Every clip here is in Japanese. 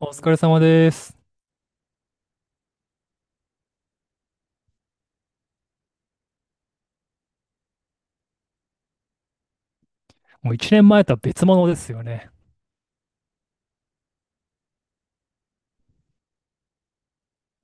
お疲れ様です。もう1年前とは別物ですよね。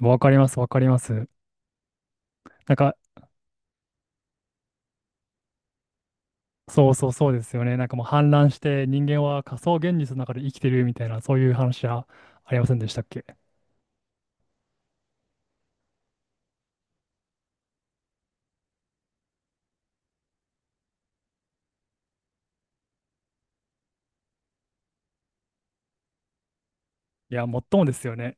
わかります、わかります。なんか、そうそうそうですよね。なんかもう氾濫して人間は仮想現実の中で生きてるみたいな、そういう話はありませんでしたっけ？いや、もっともですよね。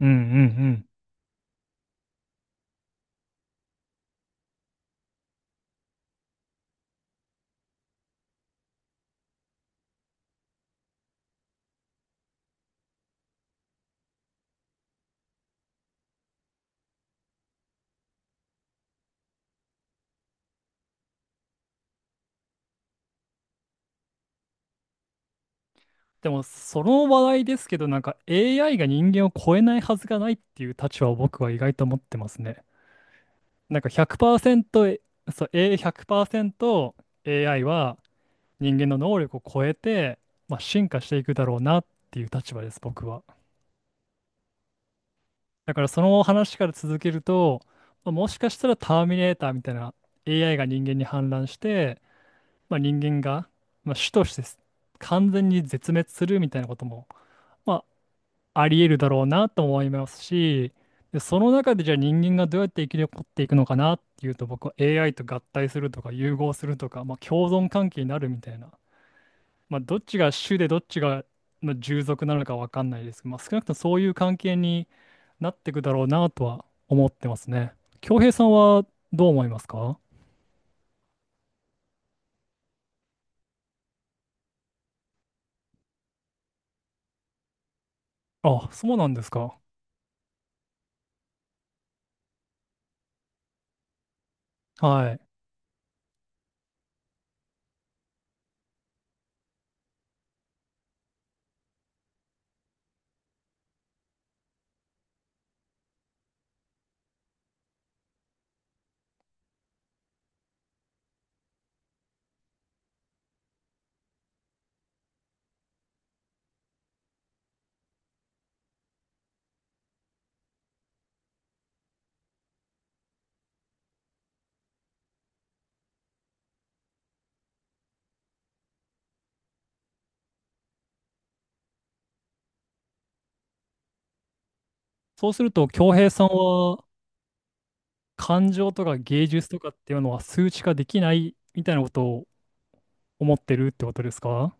うんうんうん。でも、その話題ですけど、なんか AI が人間を超えないはずがないっていう立場を僕は意外と持ってますね。なんか100%、そう、A100% AI は人間の能力を超えて、まあ、進化していくだろうなっていう立場です、僕は。だからその話から続けると、まあ、もしかしたらターミネーターみたいな AI が人間に反乱して、まあ、人間が、まあ、種として完全に絶滅するみたいなことも、まあ、あり得るだろうなと思いますし、で、その中でじゃあ人間がどうやって生き残っていくのかなっていうと僕は AI と合体するとか融合するとか、まあ、共存関係になるみたいな、まあ、どっちが主でどっちが、まあ、従属なのかわかんないですけど、まあ、少なくともそういう関係になっていくだろうなとは思ってますね。恭平さんはどう思いますか？あ、そうなんですか。はい。そうすると、恭平さんは感情とか芸術とかっていうのは数値化できないみたいなことを思ってるってことですか？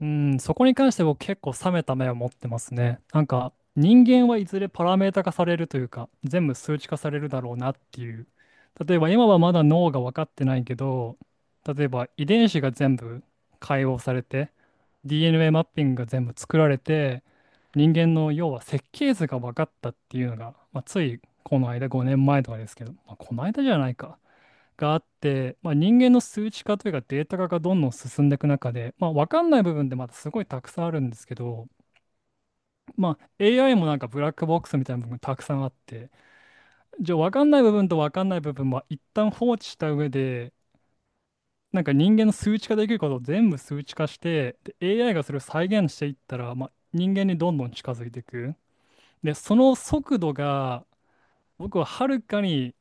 うん、そこに関して僕結構冷めた目を持ってますね。なんか人間はいずれパラメータ化されるというか全部数値化されるだろうなっていう。例えば今はまだ脳が分かってないけど、例えば遺伝子が全部解放されて DNA マッピングが全部作られて人間の要は設計図が分かったっていうのが、まあ、ついこの間5年前とかですけど、まあ、この間じゃないか。があって、まあ、人間の数値化というかデータ化がどんどん進んでいく中で、まあ、分かんない部分でまだすごいたくさんあるんですけど、まあ、AI もなんかブラックボックスみたいな部分たくさんあって、じゃあ分かんない部分と分かんない部分は一旦放置した上でなんか人間の数値化できることを全部数値化してで AI がそれを再現していったら、まあ、人間にどんどん近づいていく。でその速度が僕ははるかに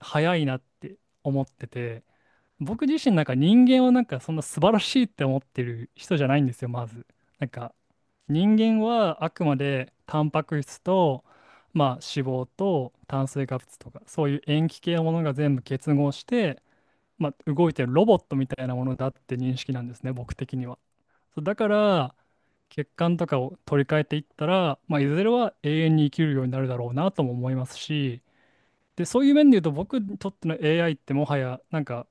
速いなって思ってて。僕自身なんか人間をなんかそんな素晴らしいって思ってる人じゃないんですよ、まず。なんか人間はあくまでタンパク質と、まあ、脂肪と炭水化物とかそういう塩基系のものが全部結合して、まあ、動いてるロボットみたいなものだって認識なんですね、僕的には。そうだから血管とかを取り替えていったら、まあ、いずれは永遠に生きるようになるだろうなとも思いますし、で、そういう面で言うと僕にとっての AI ってもはやなんか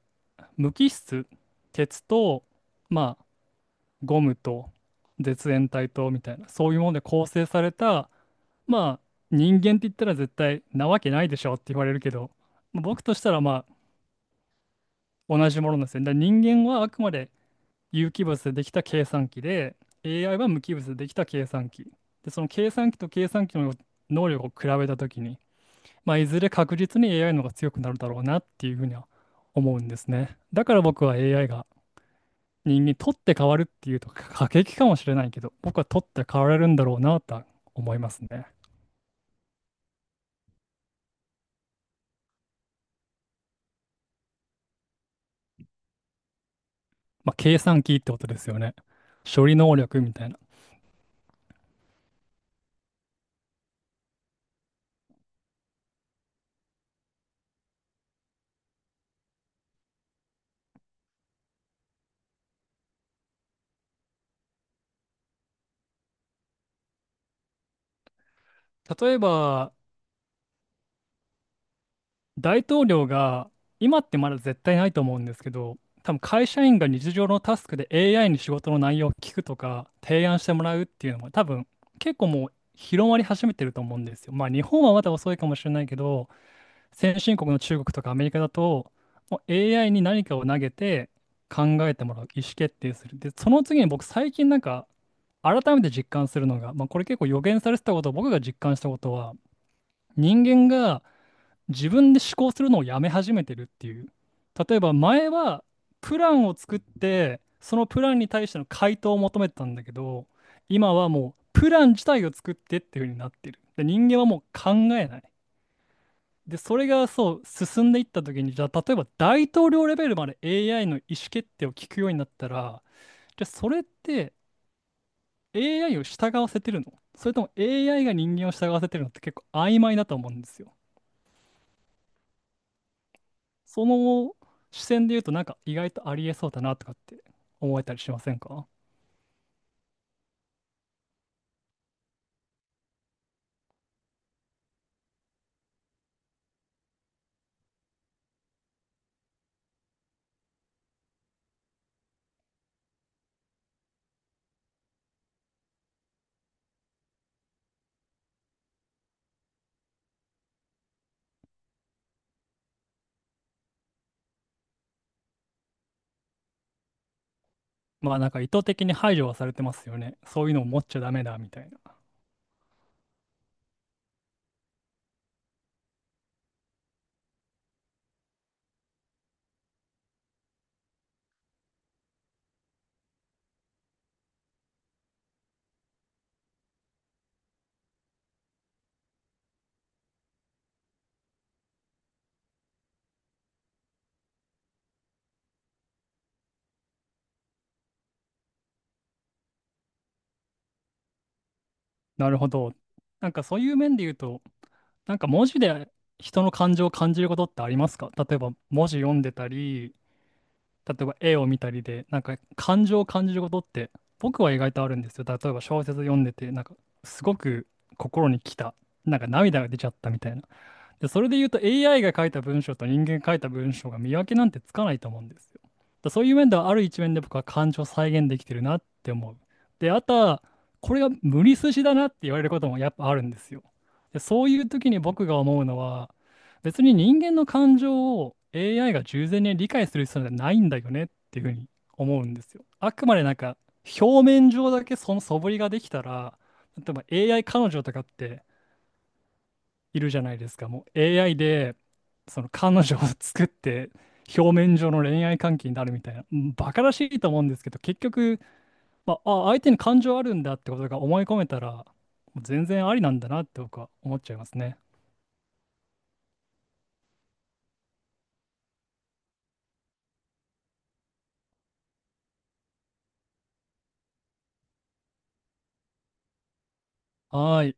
無機質、鉄と、まあ、ゴムと絶縁体とみたいな、そういうもので構成された、まあ、人間って言ったら絶対なわけないでしょって言われるけど、まあ僕としたらまあ、同じものなんですよね。だから人間はあくまで有機物でできた計算機で、AI は無機物でできた計算機。で、その計算機と計算機の能力を比べたときに、まあ、いずれ確実に AI の方が強くなるだろうなっていうふうには思うんですね。だから僕は AI が人間、取って変わるっていうと 過激かもしれないけど、僕は取って変われるんだろうなとは思いますね。まあ、計算機ってことですよね。処理能力みたいな。例えば、大統領が、今ってまだ絶対ないと思うんですけど、多分会社員が日常のタスクで AI に仕事の内容を聞くとか、提案してもらうっていうのも、多分結構もう広まり始めてると思うんですよ。まあ、日本はまだ遅いかもしれないけど、先進国の中国とかアメリカだと、もう AI に何かを投げて考えてもらう、意思決定する。で、その次に僕最近なんか改めて実感するのが、まあ、これ結構予言されてたこと、僕が実感したことは、人間が自分で思考するのをやめ始めてるっていう。例えば前はプランを作って、そのプランに対しての回答を求めてたんだけど、今はもうプラン自体を作ってっていう風になってる。で、人間はもう考えない。で、それがそう、進んでいった時に、じゃあ、例えば大統領レベルまで AI の意思決定を聞くようになったら、じゃあ、それって AI を従わせてるのそれとも AI が人間を従わせてるのって結構曖昧だと思うんですよ。その視線で言うと、なんか意外とありえそうだなとかって思えたりしませんか？まあなんか意図的に排除はされてますよね。そういうのを持っちゃダメだみたいな。なるほど。なんかそういう面で言うと、なんか文字で人の感情を感じることってありますか？例えば文字読んでたり、例えば絵を見たりで、なんか感情を感じることって僕は意外とあるんですよ。例えば小説読んでて、なんかすごく心に来た、なんか涙が出ちゃったみたいな。で、それで言うと AI が書いた文章と人間が書いた文章が見分けなんてつかないと思うんですよ。だそういう面ではある一面で僕は感情を再現できてるなって思う。で、あとは、これが無理筋だなって言われることもやっぱあるんですよ。で、そういう時に僕が思うのは、別に人間の感情を AI が従前に理解する必要なんてないんだよねっていうふうに思うんですよ。あくまでなんか表面上だけその素振りができたら、例えば AI 彼女とかっているじゃないですか。もう AI で、その彼女を作って、表面上の恋愛関係になるみたいな、うん、バカらしいと思うんですけど、結局、まあ、あ、相手に感情あるんだってことが思い込めたら、もう全然ありなんだなって僕は思っちゃいますね。はーい。